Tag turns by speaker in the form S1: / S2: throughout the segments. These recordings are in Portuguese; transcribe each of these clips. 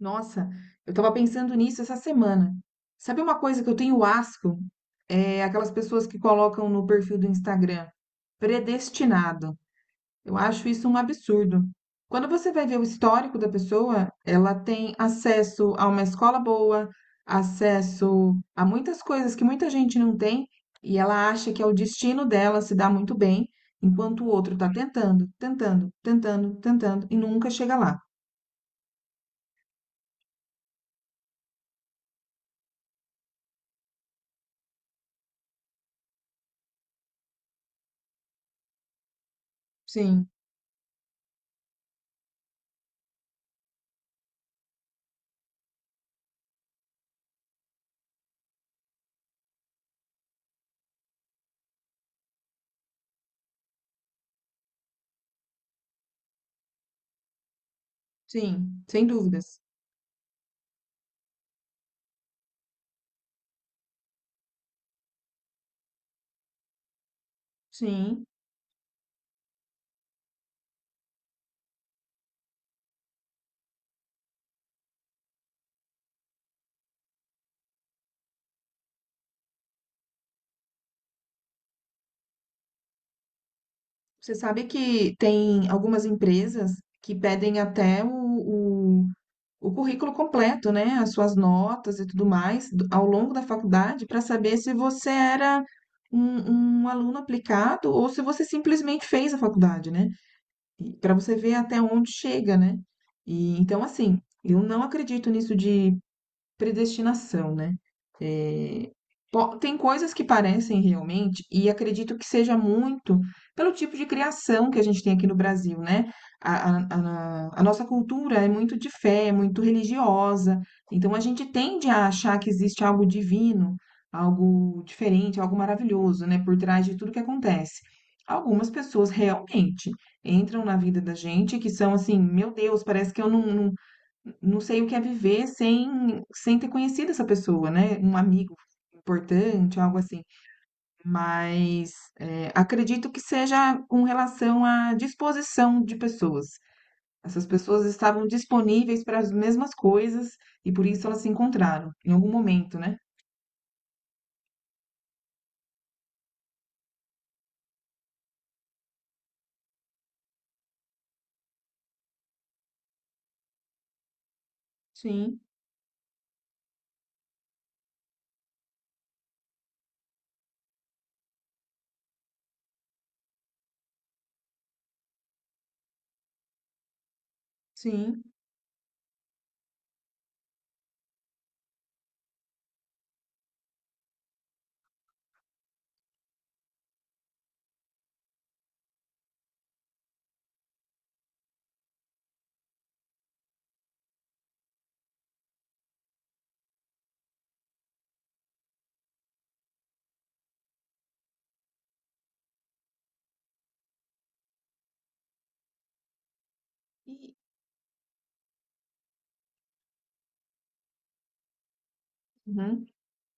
S1: Nossa, eu estava pensando nisso essa semana. Sabe uma coisa que eu tenho asco? É aquelas pessoas que colocam no perfil do Instagram, predestinado. Eu acho isso um absurdo. Quando você vai ver o histórico da pessoa, ela tem acesso a uma escola boa, acesso a muitas coisas que muita gente não tem, e ela acha que é o destino dela se dar muito bem, enquanto o outro está tentando e nunca chega lá. Sim, sim, sem dúvidas. Sim. Você sabe que tem algumas empresas que pedem até o currículo completo, né? As suas notas e tudo mais ao longo da faculdade para saber se você era um aluno aplicado ou se você simplesmente fez a faculdade, né? Para você ver até onde chega, né? E então, assim, eu não acredito nisso de predestinação, né? É, tem coisas que parecem realmente, e acredito que seja muito pelo tipo de criação que a gente tem aqui no Brasil, né? A nossa cultura é muito de fé, é muito religiosa, então a gente tende a achar que existe algo divino, algo diferente, algo maravilhoso, né? Por trás de tudo que acontece. Algumas pessoas realmente entram na vida da gente que são assim, meu Deus, parece que eu não sei o que é viver sem, sem ter conhecido essa pessoa, né? Um amigo importante, algo assim. Mas acredito que seja com relação à disposição de pessoas. Essas pessoas estavam disponíveis para as mesmas coisas e por isso elas se encontraram em algum momento, né? Sim, sim. E- Uhum.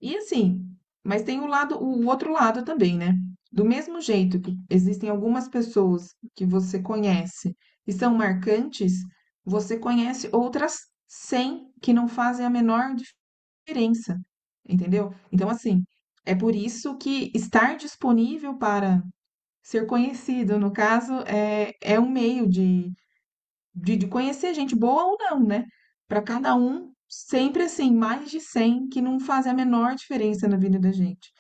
S1: E assim, mas tem o lado, o outro lado também, né? Do mesmo jeito que existem algumas pessoas que você conhece e são marcantes, você conhece outras 100 que não fazem a menor diferença, entendeu? Então, assim, é por isso que estar disponível para ser conhecido, no caso, é, é um meio de de conhecer gente boa ou não, né? Para cada um, sempre assim, mais de 100 que não fazem a menor diferença na vida da gente.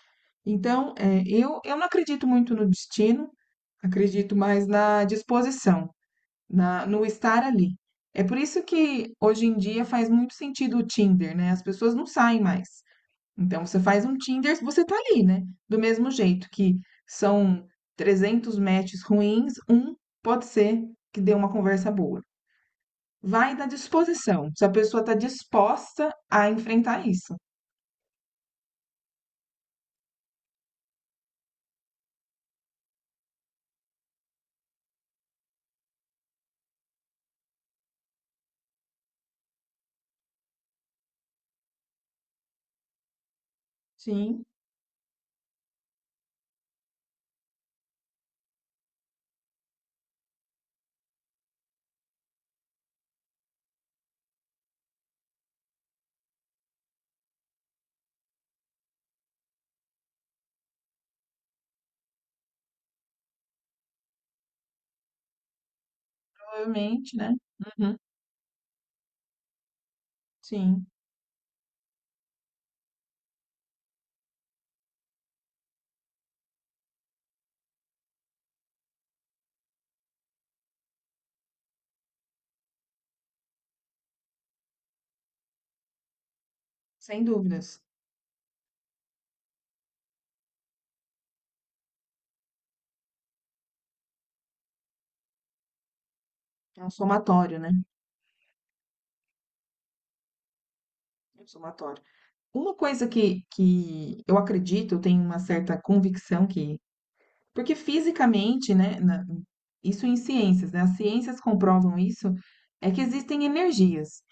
S1: Então, é, eu não acredito muito no destino, acredito mais na disposição, na, no estar ali. É por isso que hoje em dia faz muito sentido o Tinder, né? As pessoas não saem mais. Então, você faz um Tinder, você tá ali, né? Do mesmo jeito que são 300 matches ruins, um pode ser que dê uma conversa boa. Vai da disposição, se a pessoa está disposta a enfrentar isso. Sim, provavelmente, né. Uhum, sim, sem dúvidas. É um somatório, né, é um somatório. Uma coisa que eu acredito, eu tenho uma certa convicção que porque fisicamente, né, na isso em ciências, né, as ciências comprovam isso, é que existem energias.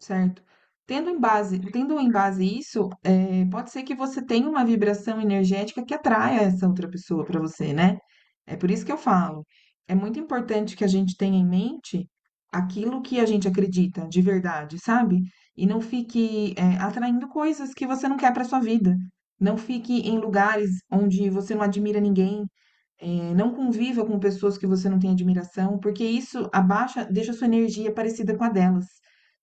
S1: Certo. Tendo em base isso, pode ser que você tenha uma vibração energética que atraia essa outra pessoa para você, né. É por isso que eu falo, é muito importante que a gente tenha em mente aquilo que a gente acredita de verdade, sabe. E não fique, atraindo coisas que você não quer para sua vida. Não fique em lugares onde você não admira ninguém, é, não conviva com pessoas que você não tem admiração, porque isso abaixa, deixa a sua energia parecida com a delas.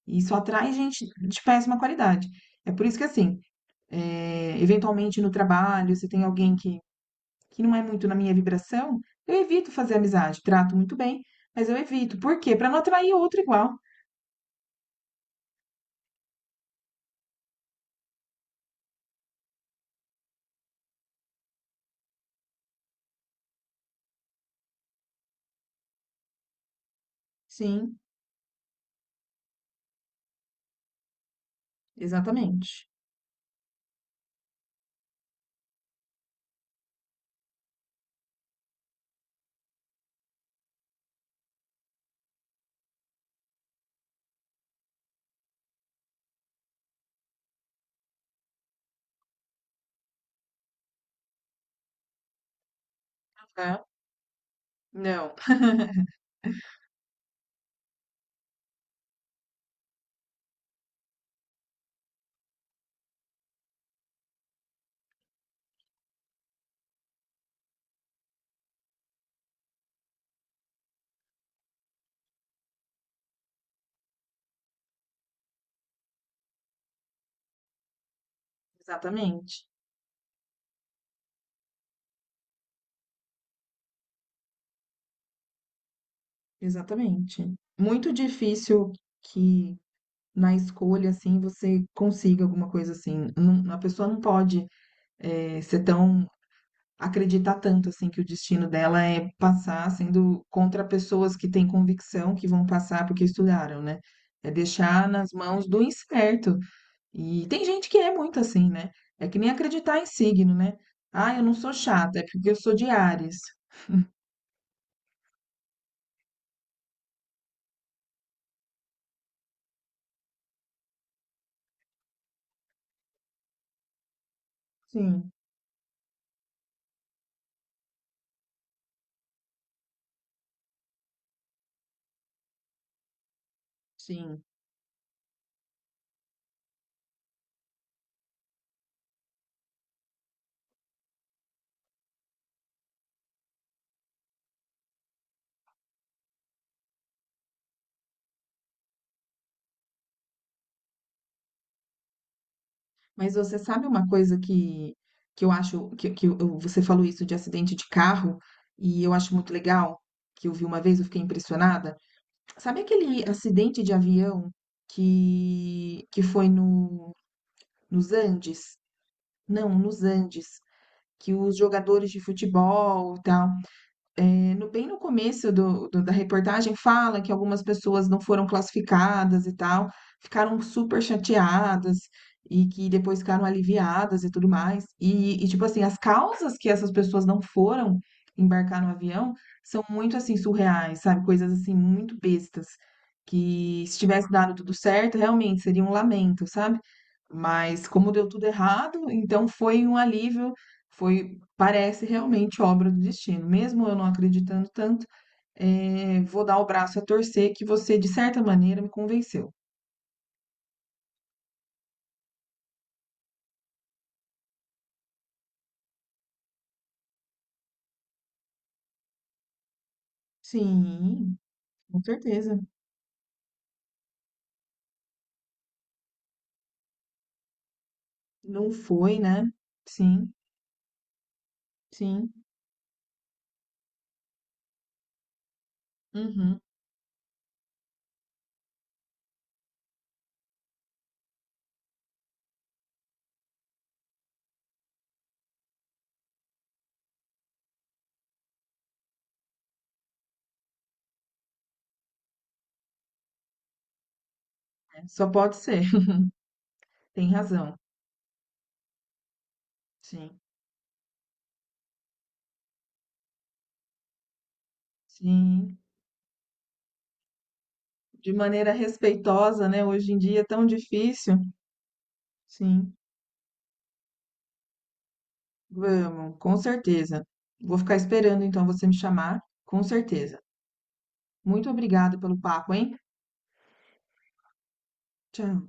S1: E isso atrai gente de péssima qualidade. É por isso que, assim, é, eventualmente no trabalho, se tem alguém que não é muito na minha vibração, eu evito fazer amizade. Trato muito bem, mas eu evito. Por quê? Para não atrair outro igual. Sim, exatamente. Né? Não, exatamente. Exatamente. Muito difícil que na escolha, assim, você consiga alguma coisa assim. Não, a pessoa não pode ser tão, acreditar tanto assim que o destino dela é passar sendo contra pessoas que têm convicção que vão passar porque estudaram, né? É deixar nas mãos do incerto. E tem gente que é muito assim, né? É que nem acreditar em signo, né? Ah, eu não sou chata, é porque eu sou de Áries. Sim, sim. Mas você sabe uma coisa que eu acho que, você falou isso de acidente de carro e eu acho muito legal, que eu vi uma vez, eu fiquei impressionada. Sabe aquele acidente de avião que foi no, nos Andes? Não, nos Andes, que os jogadores de futebol e tal no bem no começo do da reportagem fala que algumas pessoas não foram classificadas e tal, ficaram super chateadas e que depois ficaram aliviadas e tudo mais. Tipo assim, as causas que essas pessoas não foram embarcar no avião são muito, assim, surreais, sabe, coisas, assim, muito bestas, que se tivesse dado tudo certo, realmente seria um lamento, sabe? Mas como deu tudo errado, então foi um alívio, foi, parece realmente obra do destino. Mesmo eu não acreditando tanto, vou dar o braço a torcer que você, de certa maneira, me convenceu. Sim, com certeza. Não foi, né? Sim, sim. Uhum. É, só pode ser. Tem razão. Sim, sim. De maneira respeitosa, né? Hoje em dia é tão difícil. Sim. Vamos, com certeza. Vou ficar esperando então você me chamar, com certeza. Muito obrigada pelo papo, hein? Tchau.